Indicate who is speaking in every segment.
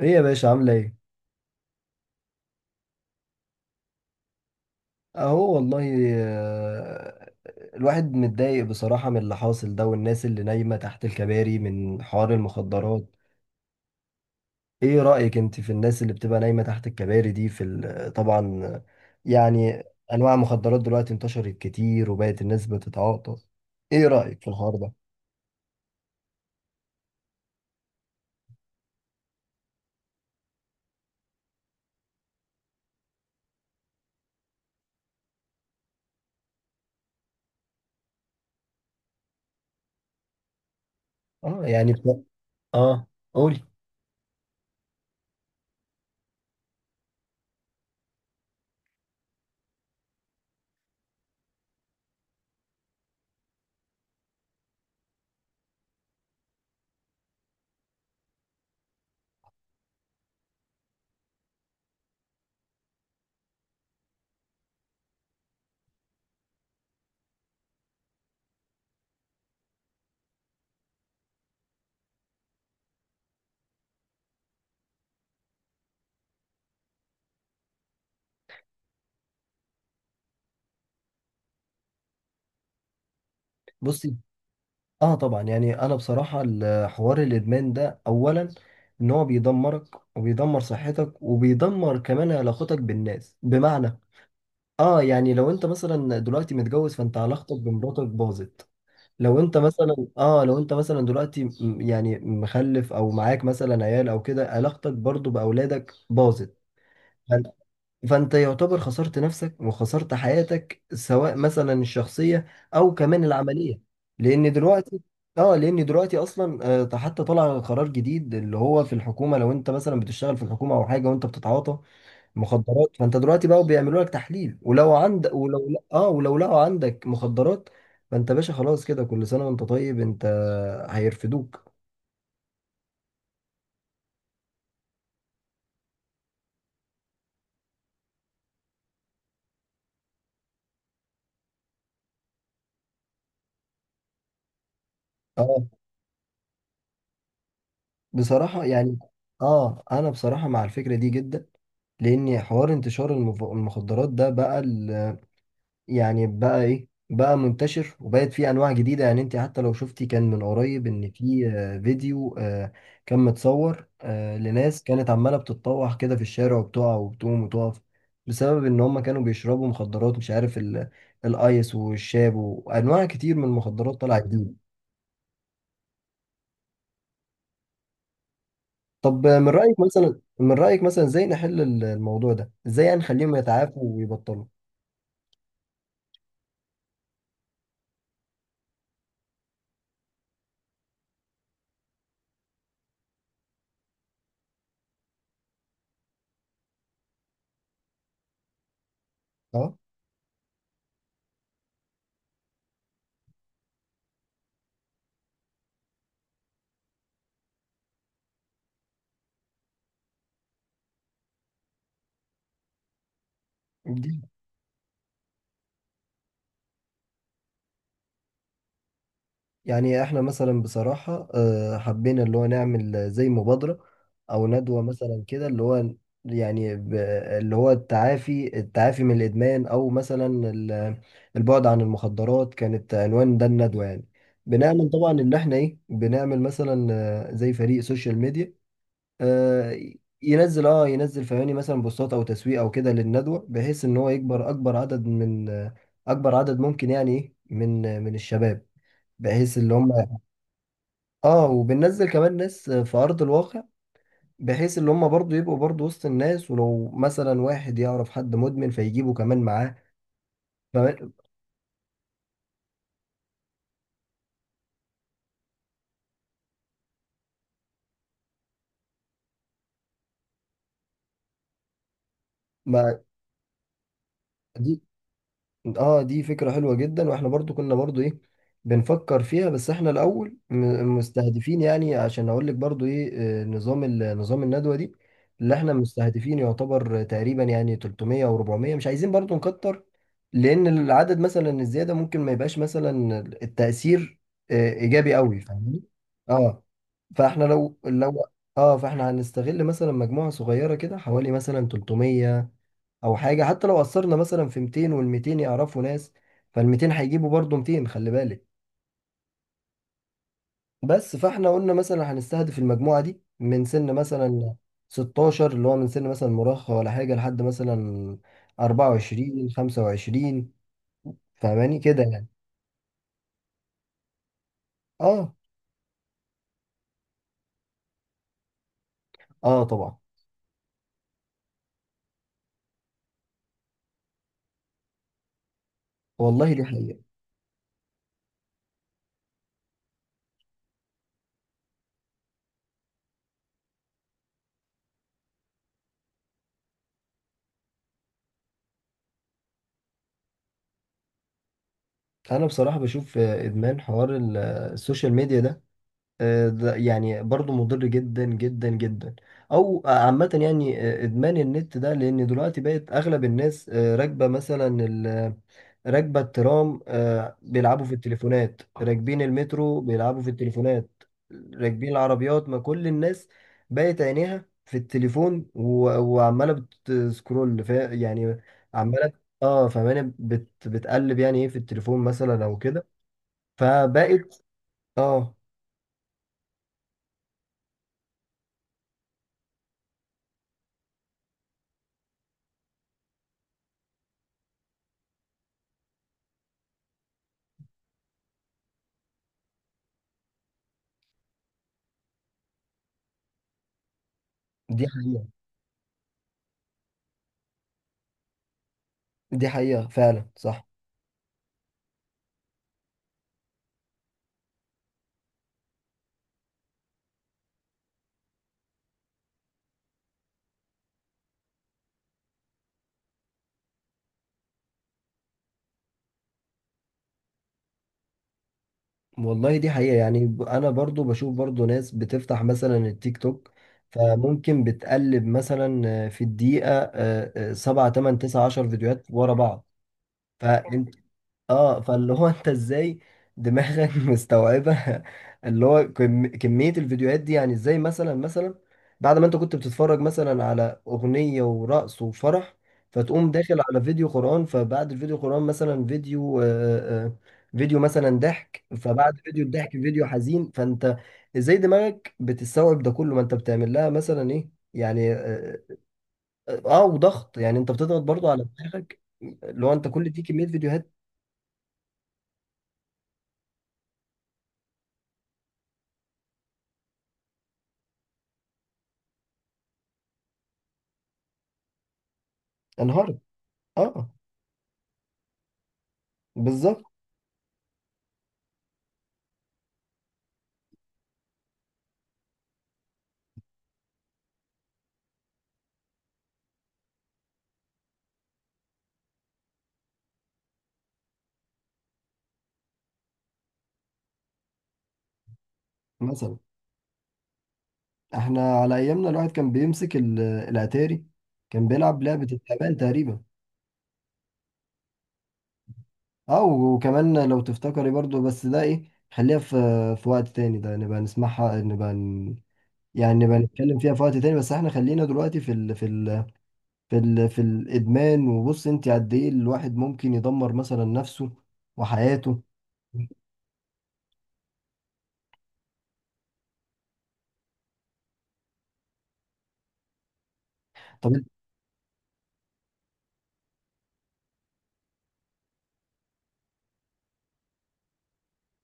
Speaker 1: ايه يا باشا عاملة ايه؟ اهو والله. آه، الواحد متضايق بصراحة من اللي حاصل ده والناس اللي نايمة تحت الكباري من حوار المخدرات. ايه رأيك انت في الناس اللي بتبقى نايمة تحت الكباري دي في طبعا. يعني انواع المخدرات دلوقتي انتشرت كتير وبقت الناس بتتعاطى. ايه رأيك في الحوار ده؟ اه يعني اه قولي. بصي، اه طبعا، يعني انا بصراحة حوار الادمان ده اولا ان هو بيدمرك وبيدمر صحتك وبيدمر كمان علاقتك بالناس، بمعنى اه، يعني لو انت مثلا دلوقتي متجوز فانت علاقتك بمراتك باظت. لو انت مثلا اه، لو انت مثلا دلوقتي يعني مخلف او معاك مثلا عيال او كده، علاقتك برضو باولادك باظت. فانت يعتبر خسرت نفسك وخسرت حياتك، سواء مثلا الشخصية او كمان العملية. لان دلوقتي اه، لان دلوقتي اصلا حتى طلع قرار جديد اللي هو في الحكومة، لو انت مثلا بتشتغل في الحكومة او حاجة وانت بتتعاطى مخدرات فانت دلوقتي بقى بيعملوا لك تحليل، ولو عند ولو اه ولو لقوا عندك مخدرات فانت باشا خلاص كده، كل سنة وانت طيب، انت هيرفدوك. اه بصراحة يعني، اه انا بصراحة مع الفكرة دي جدا، لان حوار انتشار المخدرات ده بقى يعني بقى ايه، بقى منتشر وبقت فيه انواع جديده. يعني انت حتى لو شفتي كان من قريب ان في فيديو كان متصور لناس كانت عماله بتتطوح كده في الشارع وبتقع وبتقوم وتقف بسبب ان هم كانوا بيشربوا مخدرات، مش عارف الايس والشاب وانواع كتير من المخدرات طالعه جديد. طب من رايك مثلا ازاي نحل الموضوع ده، ازاي يعني نخليهم يتعافوا ويبطلوا. اه يعني احنا مثلا بصراحة حبينا اللي هو نعمل زي مبادرة او ندوة مثلا كده، اللي هو يعني اللي هو التعافي من الادمان، او مثلا البعد عن المخدرات، كانت عنوان ده الندوة. يعني بنعمل طبعا ان احنا ايه، بنعمل مثلا زي فريق سوشيال ميديا آه، ينزل اه، ينزل فهماني مثلا بوستات او تسويق او كده للندوة، بحيث ان هو يكبر اكبر عدد من اكبر عدد ممكن يعني ايه من من الشباب، بحيث اللي هم اه، وبننزل كمان ناس في ارض الواقع، بحيث ان هم برضو يبقوا برضو وسط الناس، ولو مثلا واحد يعرف حد مدمن فيجيبه كمان معاه. فما- ما دي اه، دي فكرة حلوة جدا، واحنا برضو كنا برضو ايه، بنفكر فيها، بس احنا الاول مستهدفين يعني عشان اقول لك برضو ايه، نظام نظام الندوة دي اللي احنا مستهدفين يعتبر تقريبا يعني 300 او 400، مش عايزين برضو نكتر، لان العدد مثلا الزيادة ممكن ما يبقاش مثلا التأثير ايجابي قوي، فاهمني. اه فاحنا لو اه، فاحنا هنستغل مثلا مجموعة صغيرة كده، حوالي مثلا 300 او حاجه، حتى لو قصرنا مثلا في 200 وال 200 يعرفوا ناس فال 200 هيجيبوا برضه 200، خلي بالك. بس فاحنا قلنا مثلا هنستهدف المجموعه دي من سن مثلا 16، اللي هو من سن مثلا مراهقه ولا حاجه، لحد مثلا 24 25. فاهماني كده يعني. اه اه طبعا. والله دي حقيقه. انا بصراحه بشوف ادمان حوار السوشيال ميديا ده. ده يعني برضو مضر جدا جدا جدا، او عامة يعني ادمان النت ده. لان دلوقتي بقت اغلب الناس راكبة مثلا راكبة الترام، بيلعبوا في التليفونات، راكبين المترو بيلعبوا في التليفونات، راكبين العربيات، ما كل الناس بقت عينيها في التليفون وعمالة بتسكرول يعني عمالة اه، فماني بت، بتقلب يعني ايه في التليفون مثلا او كده فبقت اه. دي حقيقة، دي حقيقة فعلا صح. والله دي حقيقة يعني أنا برضو بشوف برضو ناس بتفتح مثلا التيك توك فممكن بتقلب مثلا في الدقيقة سبعة تمن تسعة عشر فيديوهات ورا بعض فأنت اه، فاللي هو انت ازاي دماغك مستوعبة اللي هو كمية الفيديوهات دي يعني ازاي مثلا، مثلا بعد ما انت كنت بتتفرج مثلا على اغنية ورقص وفرح فتقوم داخل على فيديو قرآن، فبعد الفيديو قرآن مثلا فيديو فيديو مثلا ضحك، فبعد فيديو الضحك فيديو حزين، فانت ازاي دماغك بتستوعب ده كله؟ ما انت بتعمل لها مثلا ايه يعني، اه وضغط، يعني انت بتضغط برضو على دماغك اللي هو انت كل دي كمية فيديوهات. انهارت اه، بالظبط. مثلا احنا على ايامنا الواحد كان بيمسك الاتاري، كان بيلعب لعبة التعبان تقريبا. اه، وكمان لو تفتكري برضو، بس ده ايه، خليها في في وقت تاني، ده نبقى نسمعها نبقى يعني نبقى نتكلم فيها في وقت تاني، بس احنا خلينا دلوقتي في الادمان. وبص انت قد ايه الواحد ممكن يدمر مثلا نفسه وحياته. طب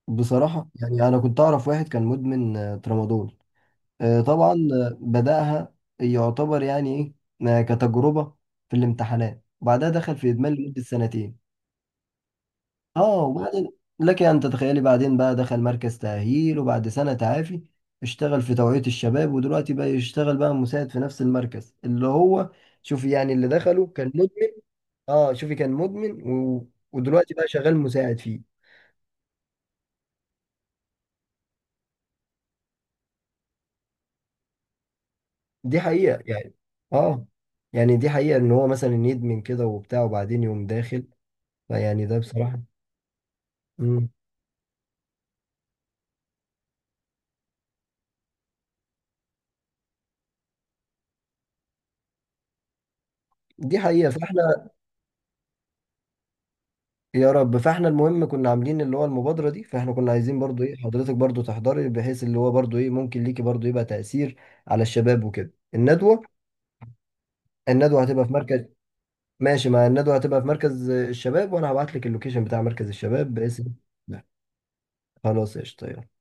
Speaker 1: بصراحة يعني انا كنت اعرف واحد كان مدمن ترامادول. طبعا بدأها يعتبر يعني ايه، كتجربة في الامتحانات، وبعدها دخل في إدمان لمدة سنتين. اه وبعدين لك أن تتخيلي، بعدين بقى دخل مركز تأهيل وبعد سنة تعافي اشتغل في توعية الشباب، ودلوقتي بقى يشتغل بقى مساعد في نفس المركز اللي هو، شوفي يعني اللي دخله كان مدمن، اه شوفي كان مدمن ودلوقتي بقى شغال مساعد فيه. دي حقيقة يعني اه، يعني دي حقيقة ان هو مثلا يدمن كده وبتاع وبعدين يقوم داخل، فيعني ده بصراحة، مم. دي حقيقة، فاحنا يا رب. فاحنا المهم كنا عاملين اللي هو المبادرة دي، فاحنا كنا عايزين برضو ايه حضرتك برضو تحضري، بحيث اللي هو برضو ايه ممكن ليكي برضو يبقى تأثير على الشباب وكده الندوة. الندوة هتبقى في مركز. ماشي، مع الندوة هتبقى في مركز الشباب، وانا هبعت لك اللوكيشن بتاع مركز الشباب باسم. خلاص قشطة يلا.